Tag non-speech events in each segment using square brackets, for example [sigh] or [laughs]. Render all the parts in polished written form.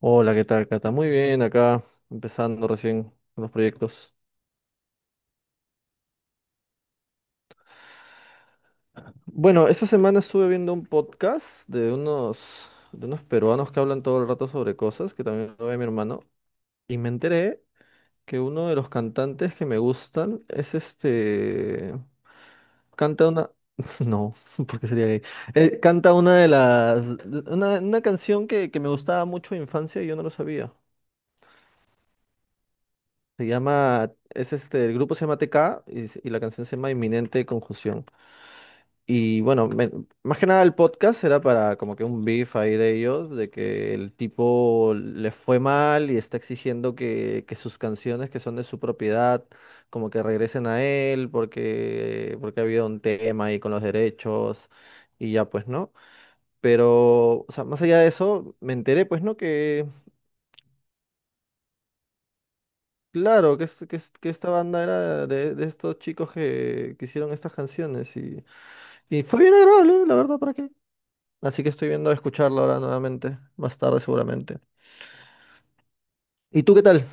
Hola, ¿qué tal, Cata? Muy bien, acá empezando recién con los proyectos. Bueno, esta semana estuve viendo un podcast de unos peruanos que hablan todo el rato sobre cosas, que también lo ve mi hermano, y me enteré que uno de los cantantes que me gustan es Canta una... [laughs] No, [laughs] porque sería gay. Canta una de las... Una canción que me gustaba mucho en infancia y yo no lo sabía. Se llama... Es El grupo se llama TK y la canción se llama Inminente Conjunción. Y bueno, más que nada el podcast era para como que un beef ahí de ellos, de que el tipo le fue mal y está exigiendo que sus canciones que son de su propiedad como que regresen a él porque ha habido un tema ahí con los derechos y ya pues, ¿no? Pero, o sea, más allá de eso, me enteré pues, ¿no? Claro, que esta banda era de estos chicos que hicieron estas canciones y fue bien agradable, la verdad, ¿para qué? Así que estoy viendo a escucharlo ahora nuevamente, más tarde seguramente. ¿Y tú qué tal?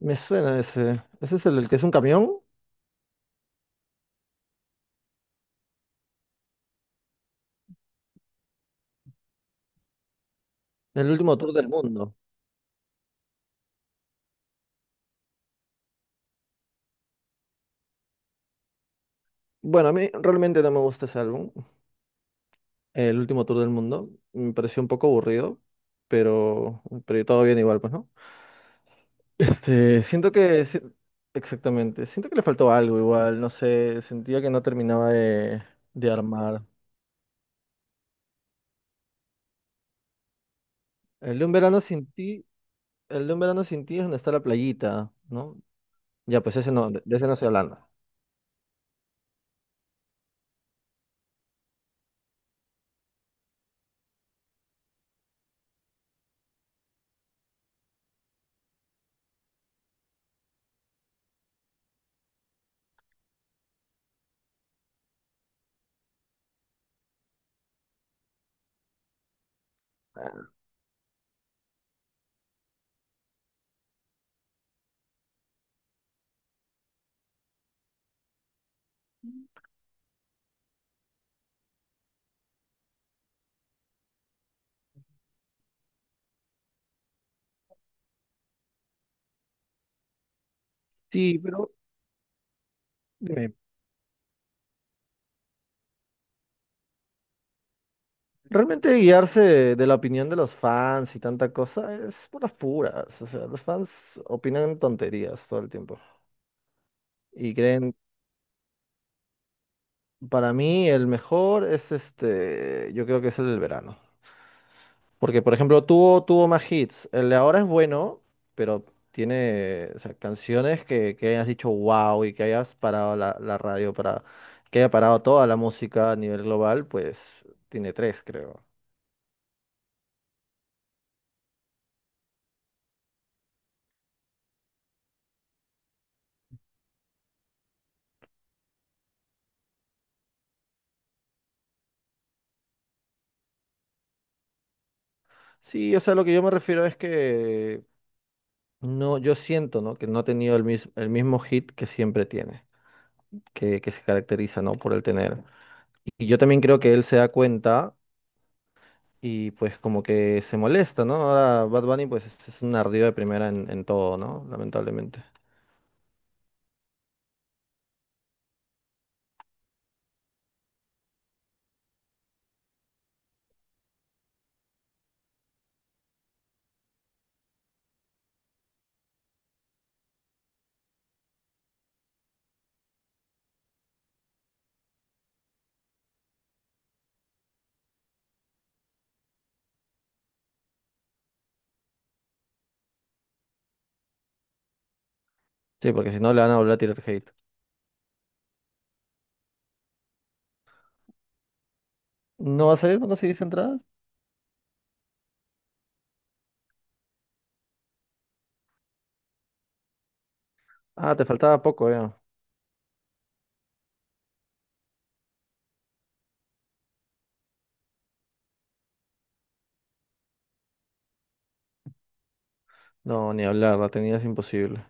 Me suena ese. ¿Ese es el que es un camión? El último tour del mundo. Bueno, a mí realmente no me gusta ese álbum, el último tour del mundo. Me pareció un poco aburrido, pero todo bien igual, pues, ¿no? Este, siento que, si- exactamente, siento que le faltó algo igual, no sé, sentía que no terminaba de armar. El de un verano sin ti, el de un verano sin ti es donde está la playita, ¿no? Ya, pues ese no, de ese no estoy hablando. Sí, pero dime, realmente guiarse de la opinión de los fans y tanta cosa es por las puras. O sea, los fans opinan tonterías todo el tiempo. Y creen, para mí el mejor es este, yo creo que es el del verano. Porque, por ejemplo, tuvo más hits. El de ahora es bueno, pero tiene, o sea, canciones que hayas dicho wow y que hayas parado la radio para, que haya parado toda la música a nivel global, pues tiene tres, creo. Sí, o sea, lo que yo me refiero es que no, yo siento, ¿no? Que no ha tenido el mismo hit que siempre tiene, que se caracteriza, ¿no? Por el tener. Y yo también creo que él se da cuenta y pues como que se molesta, ¿no? Ahora Bad Bunny pues es un ardido de primera en todo, ¿no? Lamentablemente. Sí, porque si no le van a volver a tirar hate. ¿No va a salir? ¿No conseguiste entradas? Ah, te faltaba poco ya. No, ni hablar, la tenías imposible.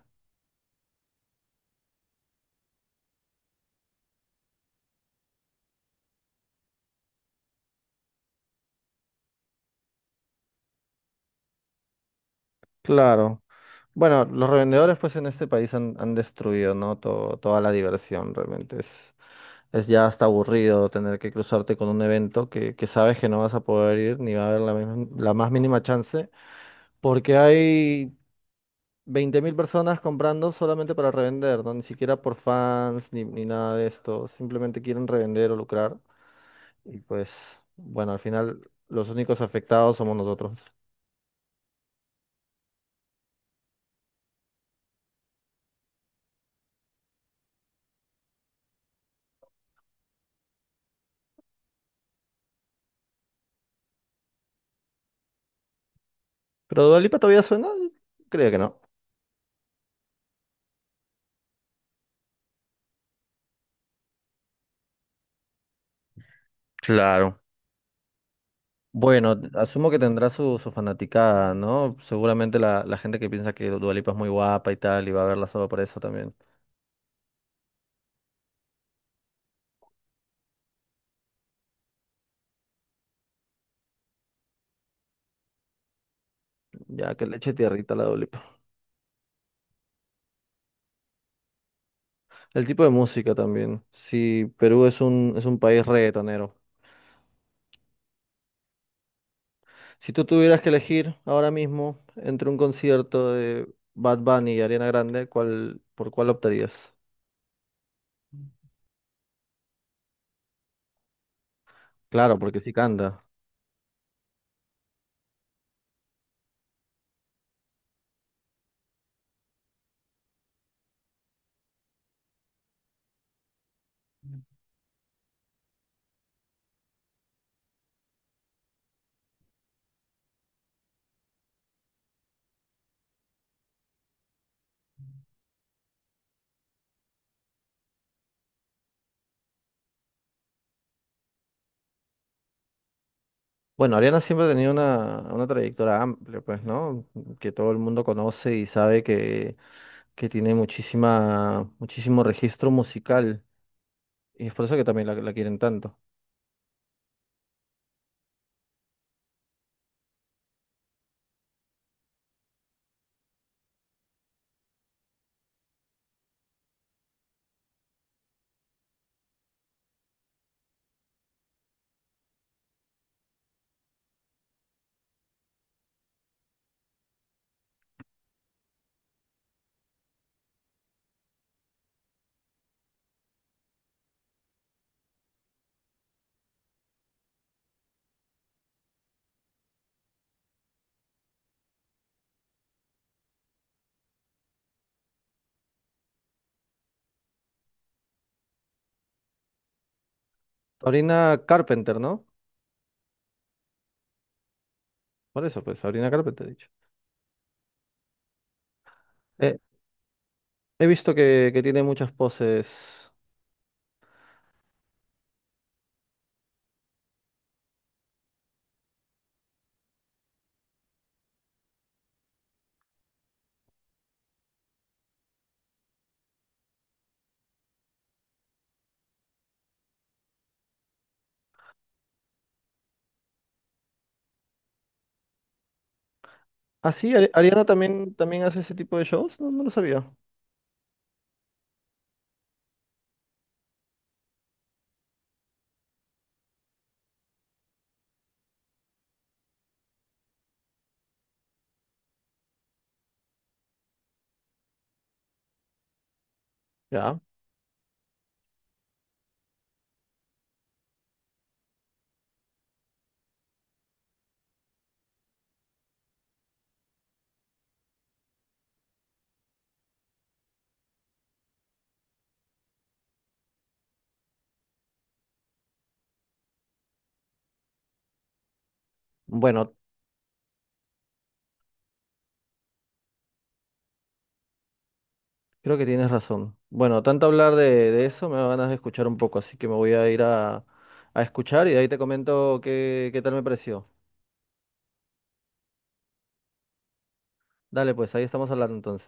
Claro. Bueno, los revendedores pues en este país han destruido, ¿no? Toda la diversión realmente. Es ya hasta aburrido tener que cruzarte con un evento que sabes que no vas a poder ir ni va a haber la más mínima chance porque hay 20 000 personas comprando solamente para revender, ¿no? Ni siquiera por fans ni nada de esto. Simplemente quieren revender o lucrar y pues bueno, al final los únicos afectados somos nosotros. ¿Pero Dua Lipa todavía suena? Creo que no. Claro. Bueno, asumo que tendrá su fanaticada, ¿no? Seguramente la gente que piensa que Dua Lipa es muy guapa y tal, y va a verla solo por eso también. Ya, que le eche tierrita a la Dua Lipa. El tipo de música también. Sí, Perú es un país reggaetonero. Si tú tuvieras que elegir ahora mismo entre un concierto de Bad Bunny y Ariana Grande, ¿cuál, por cuál optarías? Claro, porque sí canta. Bueno, Ariana siempre ha tenido una trayectoria amplia, pues, ¿no? Que todo el mundo conoce y sabe que tiene muchísima, muchísimo registro musical y es por eso que también la quieren tanto. Sabrina Carpenter, ¿no? Por eso, pues, Sabrina Carpenter, he dicho. Eh, he visto que tiene muchas poses. Ah, sí, Ariana también, también hace ese tipo de shows, no, no lo sabía. Ya, bueno, creo que tienes razón. Bueno, tanto hablar de eso me da ganas de escuchar un poco, así que me voy a ir a escuchar y de ahí te comento qué, qué tal me pareció. Dale, pues, ahí estamos hablando entonces.